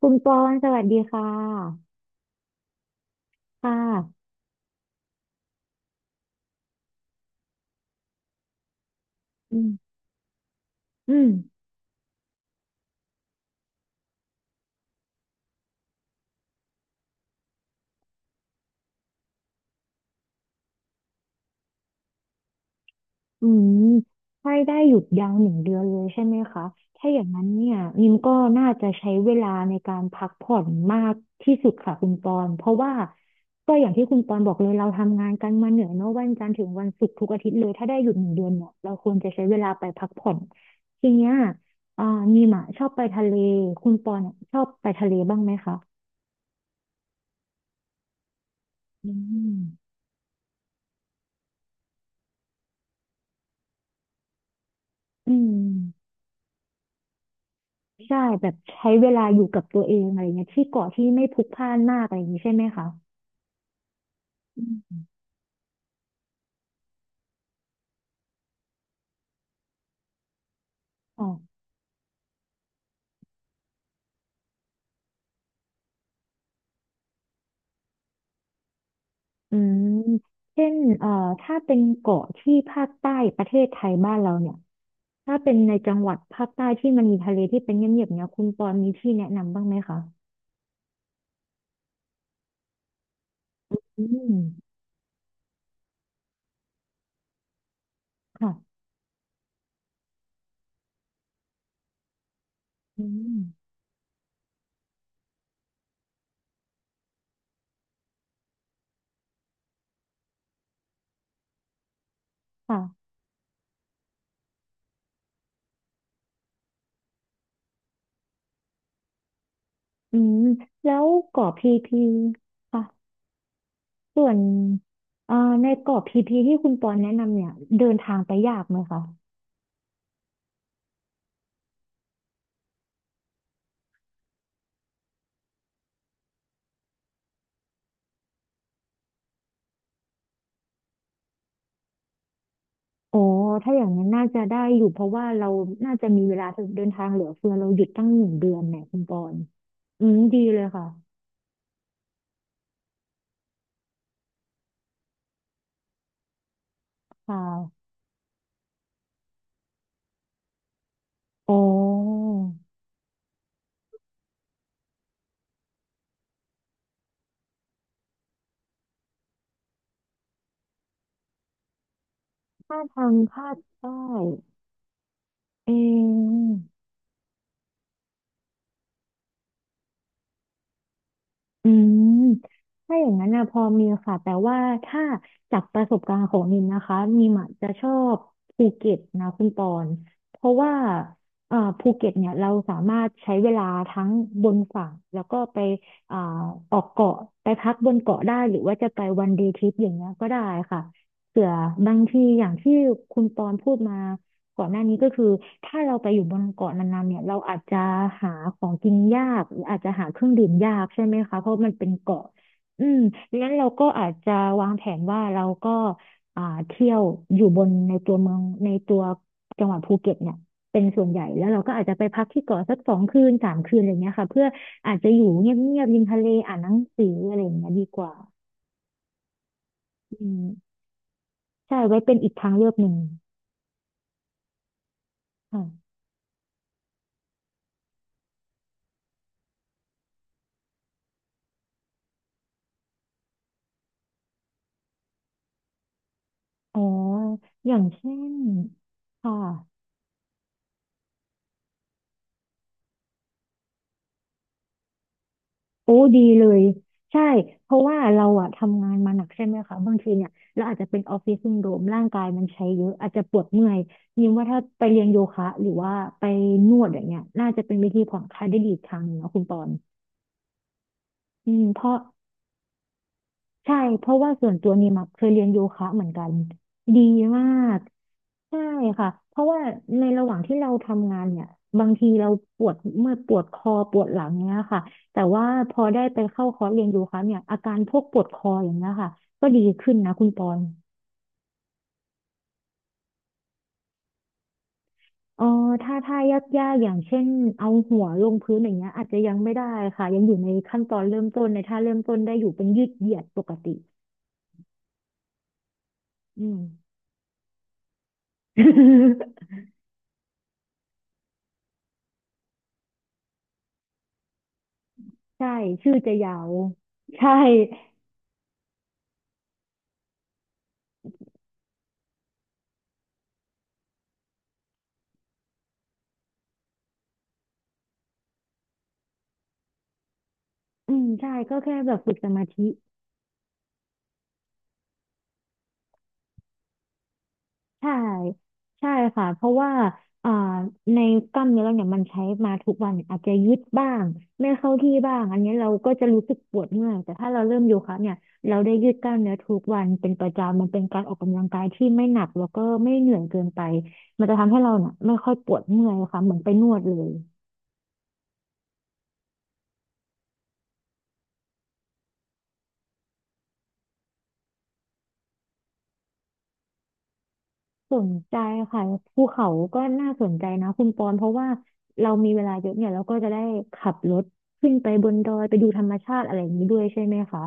คุณปอนสวัสดีค่ะค่ะอืมอืมอืมให้ได้หยุดยาวหนึ่งเดือนเลยใช่ไหมคะถ้าอย่างนั้นเนี่ยนิมก็น่าจะใช้เวลาในการพักผ่อนมากที่สุดค่ะคุณปอนเพราะว่าก็อย่างที่คุณปอนบอกเลยเราทำงานกันมาเหนื่อยเนอะวันจันทร์ถึงวันศุกร์ทุกอาทิตย์เลยถ้าได้หยุดหนึ่งเดือนเนี่ยเราควรจะใช้เวลาไปพักผ่อนทีเนี้ยอ่านิมอะชอบไปทะเลคุณปอนเนี่ยชอบไปทะเลบ้างไหมคะอืมอืม ใช่แบบใช้เวลาอยู่กับตัวเองอะไรเงี้ยที่เกาะที่ไม่พลุกพล่านมากอะไรอย่างนี้ใช่ไหมคะอืมอ๋ออืมเช่นถ้าเป็นเกาะที่ภาคใต้ประเทศไทยบ้านเราเนี่ยถ้าเป็นในจังหวัดภาคใต้ที่มันมีทะเลที่เป็นเงียบๆเนี่ยคุณปอนมีที่แนะนำบ้างไหมคะอืมค่ะอืมค่ะอืมแล้วเกาะพีพีค่ะส่วนเอ่อในเกาะพีพีที่คุณปอนแนะนำเนี่ยเดินทางไปยากไหมคะ อ๋อ ถ้าอย่างนั้นน่าจะได้อยู่เพราะว่าเราน่าจะมีเวลาเดินทางเหลือเฟือเราหยุดตั้งหนึ่งเดือนเนี่ยคุณปอนอืมดีเลยค่ะ ค่ะอ๋อถ้าทางภาคใต้เอง อืมถ้าอย่างนั้นนะพอมีค่ะแต่ว่าถ้าจากประสบการณ์ของนิมนะคะนิมอะจะชอบภูเก็ตนะคุณปอนเพราะว่าภูเก็ตเนี่ยเราสามารถใช้เวลาทั้งบนฝั่งแล้วก็ไปอ่าออกเกาะไปพักบนเกาะได้หรือว่าจะไปวันเดย์ทริปอย่างเงี้ยก็ได้ค่ะเผื่อบางทีอย่างที่คุณปอนพูดมา ก่อนหน้านี้ก็คือถ้าเราไปอยู่บนเกาะนานๆเนี่ยเราอาจจะหาของกินยากหรืออาจจะหาเครื่องดื่มยากใช่ไหมคะเพราะมันเป็นเกาะอืมดังนั้นเราก็อาจจะวางแผนว่าเราก็เที่ยวอยู่บนในตัวเมืองในตัวจังหวัดภูเก็ตเนี่ยเป็นส่วนใหญ่แล้วเราก็อาจจะไปพักที่เกาะสัก2 คืน 3 คืนอะไรเงี้ยค่ะเพื่ออาจจะอยู่เงียบๆริมทะเลอ่านหนังสืออะไรอย่างเงี้ยดีกว่าอืมใช่ไว้เป็นอีกทางเลือกหนึ่งค่ะอ๋ออย่างเช่นค่ะ โอ้ดีเลยใช่เพราะว่าเราอะทำงานมาหนักใช่ไหมคะบางทีเนี่ยเราอาจจะเป็นออฟฟิศซินโดรมร่างกายมันใช้เยอะอาจจะปวดเมื่อยยิ่งว่าถ้าไปเรียนโยคะหรือว่าไปนวดอย่างเงี้ยน่าจะเป็นวิธีผ่อนคลายได้ดีอีกทางหนึ่งเนาะคุณปอนอืมเพราะใช่เพราะว่าส่วนตัวนี่มาเคยเรียนโยคะเหมือนกันดีมาก ใช่ค่ะเพราะว่าในระหว่างที่เราทำงานเนี่ยบางทีเราปวดเมื่อยปวดคอปวดหลังเนี้ยค่ะแต่ว่าพอได้ไปเข้าคอร์สเรียนโยคะเนี่ยอาการพวกปวดคออย่างเงี้ยค่ะก็ดีขึ้นนะคุณปอนเออถ้ายากอย่างเช่นเอาหัวลงพื้นอย่างเงี้ยอาจจะยังไม่ได้ค่ะยังอยู่ในขั้นตอนเริ่มต้นในท่าเริ่มต้นได้อยู่เป็นยืดเหยียดปกติอืม ใช่ชื่อจะยาวใช่อืมใช่ก็แค่แบบฝึกสมาธิ ใช่ใช่ค่ะเพราะว่าอ่าในกล้ามเนื้อเราเนี่ยมันใช้มาทุกวันอาจจะยืดบ้างไม่เข้าที่บ้างอันนี้เราก็จะรู้สึกปวดเมื่อยแต่ถ้าเราเริ่มโยคะเนี่ยเราได้ยืดกล้ามเนื้อทุกวันเป็นประจำมันเป็นการออกกำลังกายที่ไม่หนักแล้วก็ไม่เหนื่อยเกินไปมันจะทำให้เราเนี่ยไม่ค่อยปวดเมื่อยค่ะเหมือนไปนวดเลยสนใจค่ะภูเขาก็น่าสนใจนะคุณปอนเพราะว่าเรามีเวลาเยอะเนี่ยเราก็จะได้ขับรถขึ้นไปบนดอยไปดูธรรมชาติอะไรอย่างนี้ด้วยใช่ไหมคะ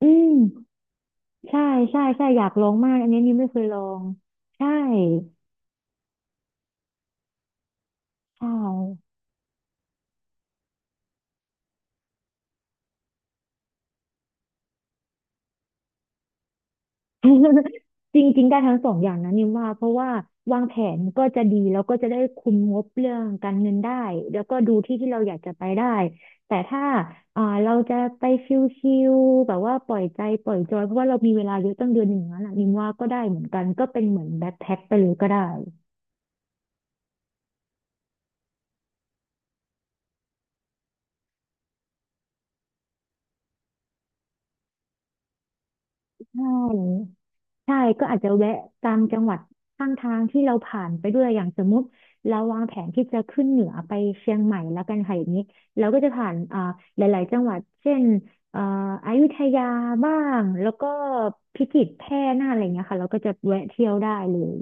อืมใช่ใช่ใช่อยากลองมากอันนี้นี่ไม่เคยลองใช่ใช่ จริงๆได้ทั้งสองอย่างนะนิมว่าเพราะว่าวางแผนก็จะดีแล้วก็จะได้คุมงบเรื่องการเงินได้แล้วก็ดูที่ที่เราอยากจะไปได้แต่ถ้าเราจะไปชิลๆแบบว่าปล่อยใจปล่อยจอยเพราะว่าเรามีเวลาเยอะตั้งเดือนหนึ่งแล้วน่ะนิมว่าก็ได้เหมือนกันก็เป็นเหมือนแบ็คแพ็คไปเลยก็ได้ใช่ ใช่ก็อาจจะแวะตามจังหวัดข้างทางที่เราผ่านไปด้วยอย่างสมมุติเราวางแผนที่จะขึ้นเหนือไปเชียงใหม่แล้วกันค่ะอย่างนี้เราก็จะผ่านหลายๆจังหวัดเช่นอ่าอยุธยาบ้างแล้วก็พิจิตรแพร่น่านอะไรเงี้ยค่ะเราก็จะแวะเที่ยวได้เลย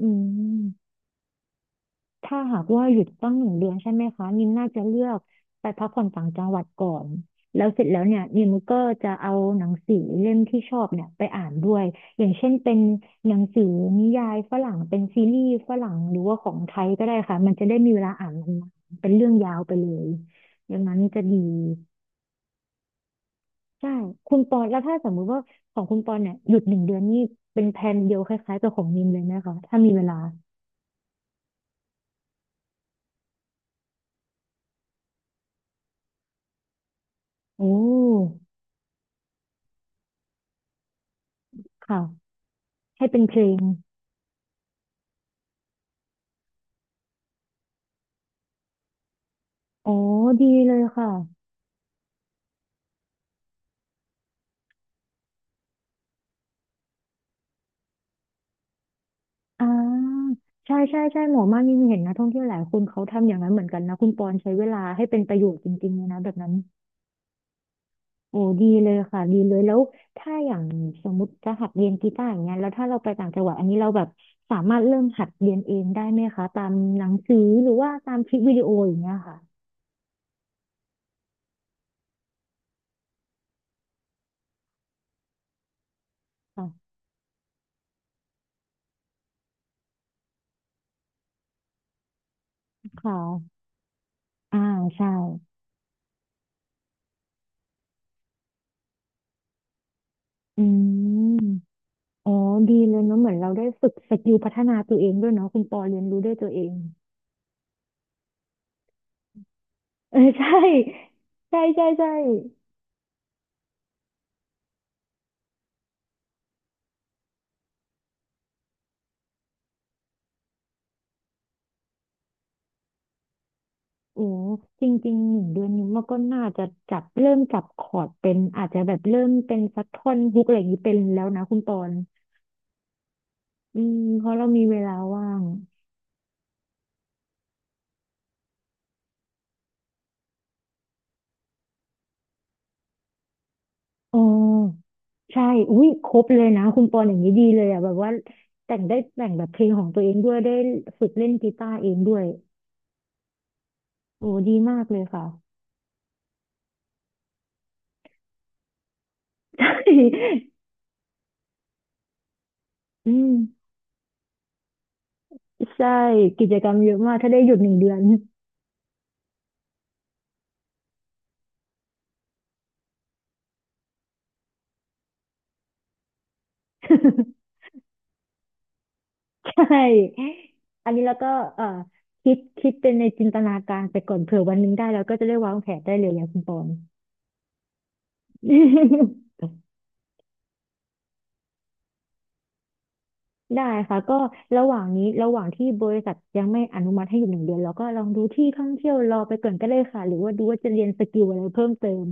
อืม ถ้าหากว่าหยุดตั้งหนึ่งเดือนใช่ไหมคะนิมน่าจะเลือกไปพักผ่อนต่างจังหวัดก่อนแล้วเสร็จแล้วเนี่ยนิมก็จะเอาหนังสือเล่มที่ชอบเนี่ยไปอ่านด้วยอย่างเช่นเป็นหนังสือนิยายฝรั่งเป็นซีรีส์ฝรั่งหรือว่าของไทยก็ได้ค่ะมันจะได้มีเวลาอ่านนานๆเป็นเรื่องยาวไปเลยอย่างนั้นจะดีใช่คุณปอนแล้วถ้าสมมุติว่าของคุณปอนเนี่ยหยุดหนึ่งเดือนนี่เป็นแผนเดียวคล้ายๆกับของนิมเลยไหมคะถ้ามีเวลาโอ้ค่ะให้เป็นเพลง อ๋อดีเลยค่ะอ่าใช่ใช่ใช่หมอมากนี่เห็นนะท่องเที่ยวหลายคนเขาทำอย่างนั้นเหมือนกันนะคุณปอนใช้เวลาให้เป็นประโยชน์จริงๆเลยนะแบบนั้นโอ้ดีเลยค่ะดีเลยแล้วถ้าอย่างสมมติจะหัดเรียนกีตาร์อย่างเงี้ยแล้วถ้าเราไปต่างจังหวัดอันนี้เราแบบสามารถเริ่มหัดเรียนเองได้ไหมคะตามหนังสือหรือว่าตามคลิปวิดีโออย่างเงี้ยค่ะค่ะค่ะอ่าใช่อืมอ๋อดีเลยเนาะเหมือนเราได้ฝึกสกิลพัฒนาตัวเองด้วยเนาะคุณปอเรียนรู้ด้วยตัวเอง เออใช่ใช่ใช่ใช่โอ้จริงๆหนึ่งเดือนนี้มันก็น่าจะจับเริ่มจับคอร์ดเป็นอาจจะแบบเริ่มเป็นสักท่อนฮุกอะไรอย่างนี้เป็นแล้วนะคุณปอนอืมเพราะเรามีเวลาว่างอ๋อใช่อุ้ยครบเลยนะคุณปอนอย่างนี้ดีเลยอ่ะแบบว่าแต่งได้แต่งแบบเพลงของตัวเองด้วยได้ฝึกเล่นกีตาร์เองด้วยโอ้ดีมากเลยค่ะ ใช่อืมใช่กิจกรรมเยอะมากถ้าได้หยุดหนึ่งเดือน ใช่อันนี้แล้วก็เอ่อคิดเป็นในจินตนาการไปก่อนเผื่อวันหนึงได้แล้วก็จะได้วางแผนได้เลยอย่างคุณปอน ได้ค่ะก็ระหว่างนี้ระหว่างที่บริษัทยังไม่อนุมัติให้อยู่หนึ่งเดือนเราก็ลองดูที่ท่องเที่ยวรอไปก่อนก็ได้ค่ะหรือว่าดูว่าจะเรียนสกิลอะไรเพิ่มเติม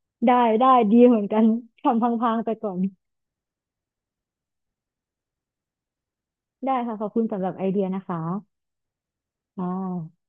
ได้ได้ดีเหมือนกันทำพังๆไปก่อนได้ค่ะขอบคุณสำหรับไอเดียนะคะอ่า